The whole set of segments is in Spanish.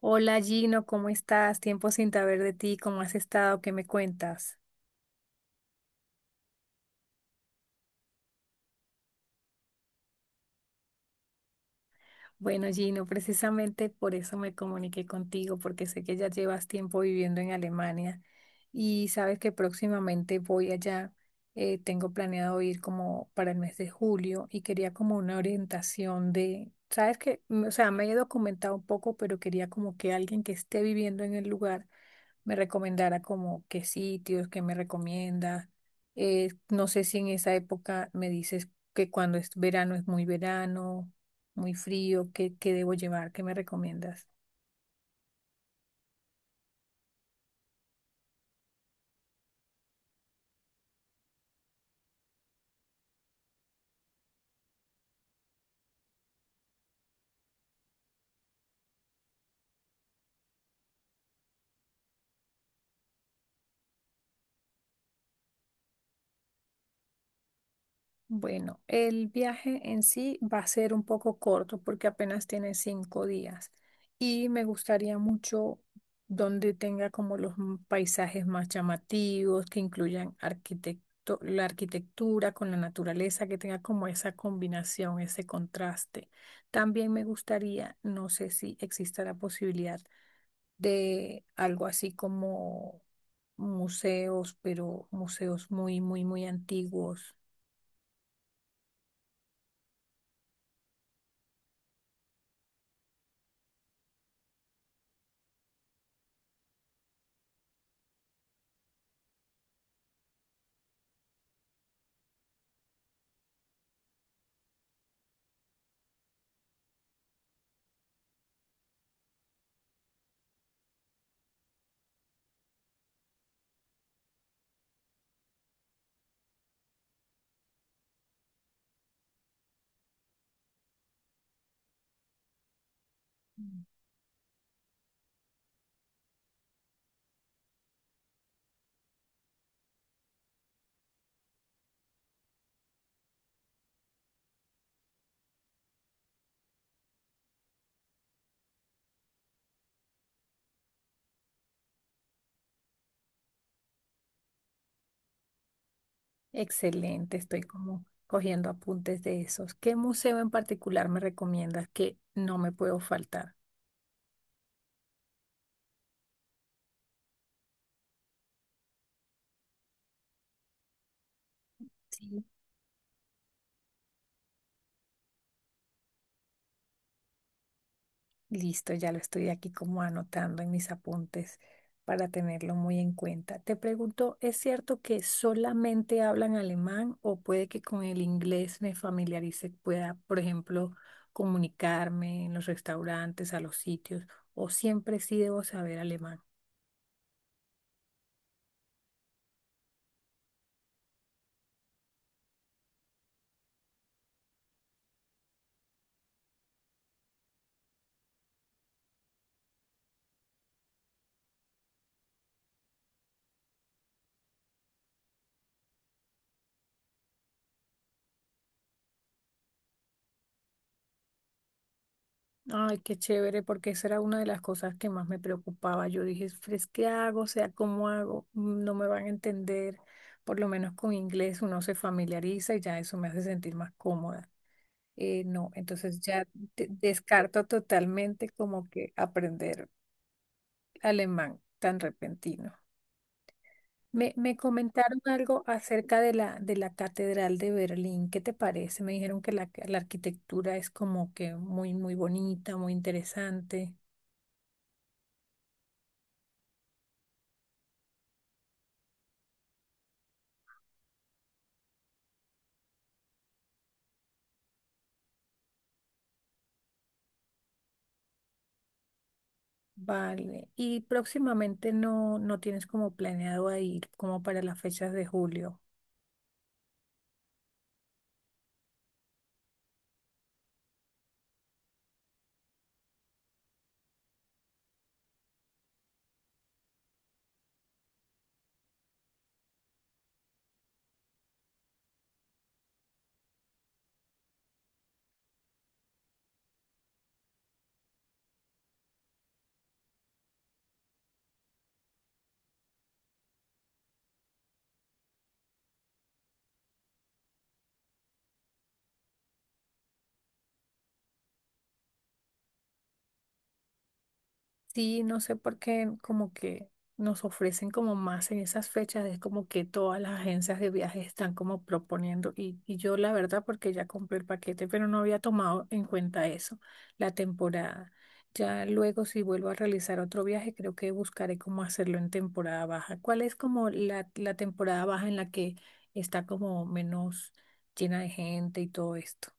Hola Gino, ¿cómo estás? Tiempo sin saber de ti, ¿cómo has estado? ¿Qué me cuentas? Bueno, Gino, precisamente por eso me comuniqué contigo, porque sé que ya llevas tiempo viviendo en Alemania y sabes que próximamente voy allá. Tengo planeado ir como para el mes de julio y quería como una orientación de, sabes que, o sea, me he documentado un poco, pero quería como que alguien que esté viviendo en el lugar me recomendara como qué sitios, qué me recomienda. No sé si en esa época me dices que cuando es verano es muy verano muy frío, ¿Qué debo llevar? ¿Qué me recomiendas? Bueno, el viaje en sí va a ser un poco corto porque apenas tiene 5 días y me gustaría mucho donde tenga como los paisajes más llamativos, que incluyan la arquitectura con la naturaleza, que tenga como esa combinación, ese contraste. También me gustaría, no sé si exista la posibilidad de algo así como museos, pero museos muy, muy, muy antiguos. Mm. Excelente, estoy como cogiendo apuntes de esos. ¿Qué museo en particular me recomiendas que no me puedo faltar? Listo, ya lo estoy aquí como anotando en mis apuntes para tenerlo muy en cuenta. Te pregunto, ¿es cierto que solamente hablan alemán o puede que con el inglés me familiarice, pueda, por ejemplo, comunicarme en los restaurantes, a los sitios, o siempre sí debo saber alemán? Ay, qué chévere, porque esa era una de las cosas que más me preocupaba. Yo dije, "Fres, ¿qué hago? O sea, ¿cómo hago? No me van a entender". Por lo menos con inglés uno se familiariza y ya eso me hace sentir más cómoda. No, entonces ya descarto totalmente como que aprender alemán tan repentino. Me comentaron algo acerca de la Catedral de Berlín. ¿Qué te parece? Me dijeron que la arquitectura es como que muy, muy bonita, muy interesante. Vale. Y próximamente no, no tienes como planeado a ir como para las fechas de julio. Sí, no sé por qué como que nos ofrecen como más en esas fechas, es como que todas las agencias de viajes están como proponiendo y yo la verdad porque ya compré el paquete, pero no había tomado en cuenta eso, la temporada. Ya luego si vuelvo a realizar otro viaje, creo que buscaré cómo hacerlo en temporada baja. ¿Cuál es como la temporada baja en la que está como menos llena de gente y todo esto?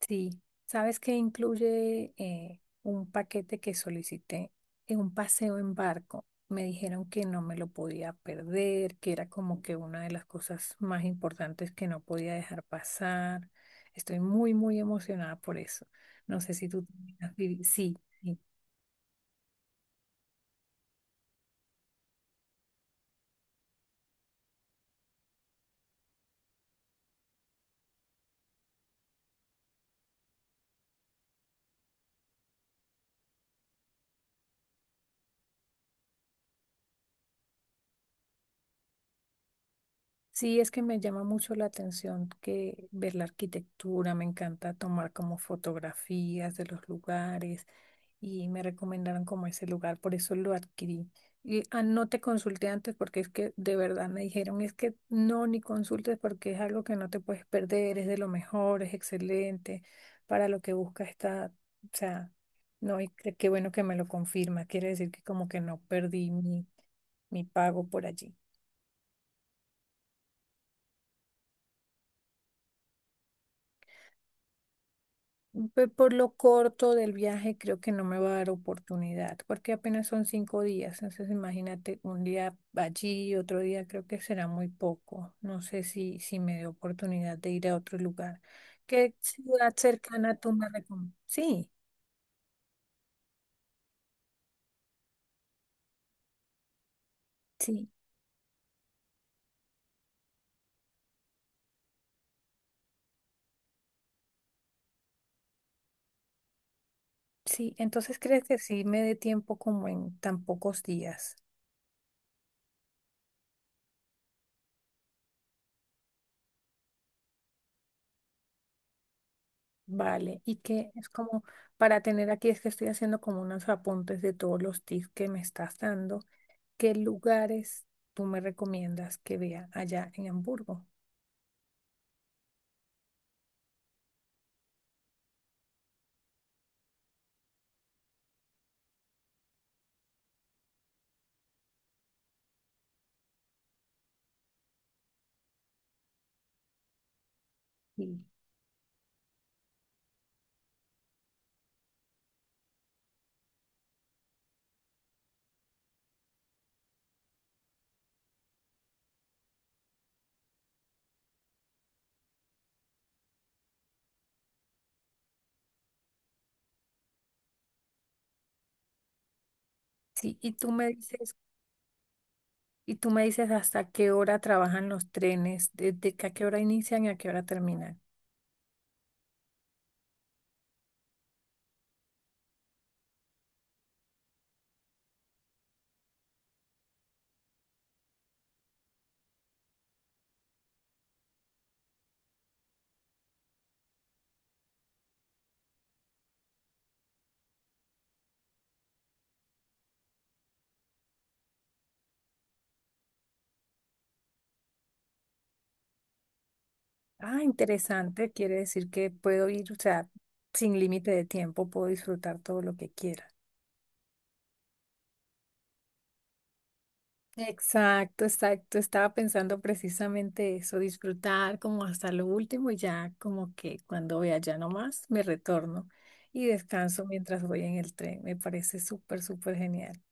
Sí, sabes que incluye un paquete que solicité en un paseo en barco. Me dijeron que no me lo podía perder, que era como que una de las cosas más importantes que no podía dejar pasar. Estoy muy, muy emocionada por eso. No sé si tú... Sí, sí. Sí, es que me llama mucho la atención que ver la arquitectura, me encanta tomar como fotografías de los lugares y me recomendaron como ese lugar, por eso lo adquirí. Y ah, no te consulté antes porque es que de verdad me dijeron, es que no, ni consultes porque es algo que no te puedes perder, es de lo mejor, es excelente, para lo que buscas está, o sea, no, y qué bueno que me lo confirma, quiere decir que como que no perdí mi, mi pago por allí. Por lo corto del viaje, creo que no me va a dar oportunidad, porque apenas son 5 días. Entonces, imagínate un día allí otro día creo que será muy poco. No sé si me dé oportunidad de ir a otro lugar. ¿Qué ciudad cercana tú me recomiendas? Sí, sí, sí. Entonces, ¿crees que sí me dé tiempo como en tan pocos días? Vale, y que es como para tener aquí, es que estoy haciendo como unos apuntes de todos los tips que me estás dando. ¿Qué lugares tú me recomiendas que vea allá en Hamburgo? Sí. Sí, y tú me dices, y tú me dices hasta qué hora trabajan los trenes, desde que a qué hora inician y a qué hora terminan. Ah, interesante, quiere decir que puedo ir, o sea, sin límite de tiempo, puedo disfrutar todo lo que quiera. Exacto, exacto. Estaba pensando precisamente eso, disfrutar como hasta lo último y ya como que cuando voy allá nomás me retorno y descanso mientras voy en el tren. Me parece súper, súper genial.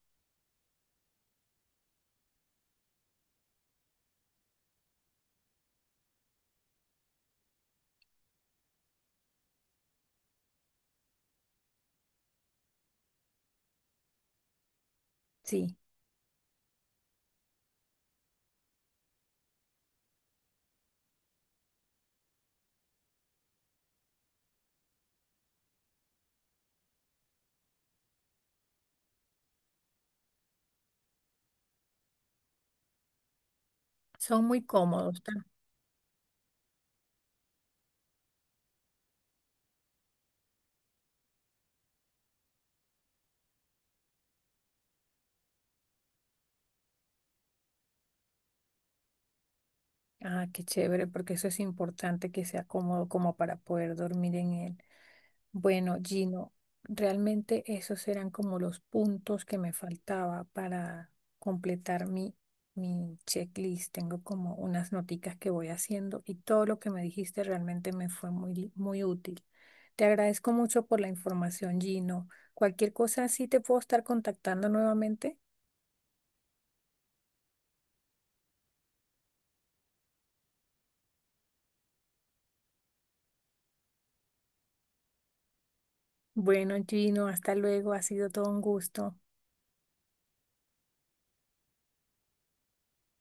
Sí, son muy cómodos. Ah, qué chévere, porque eso es importante que sea cómodo como para poder dormir en él. Bueno, Gino, realmente esos eran como los puntos que me faltaba para completar mi, mi checklist. Tengo como unas noticas que voy haciendo y todo lo que me dijiste realmente me fue muy, muy útil. Te agradezco mucho por la información, Gino. Cualquier cosa sí te puedo estar contactando nuevamente. Bueno, Gino, hasta luego. Ha sido todo un gusto.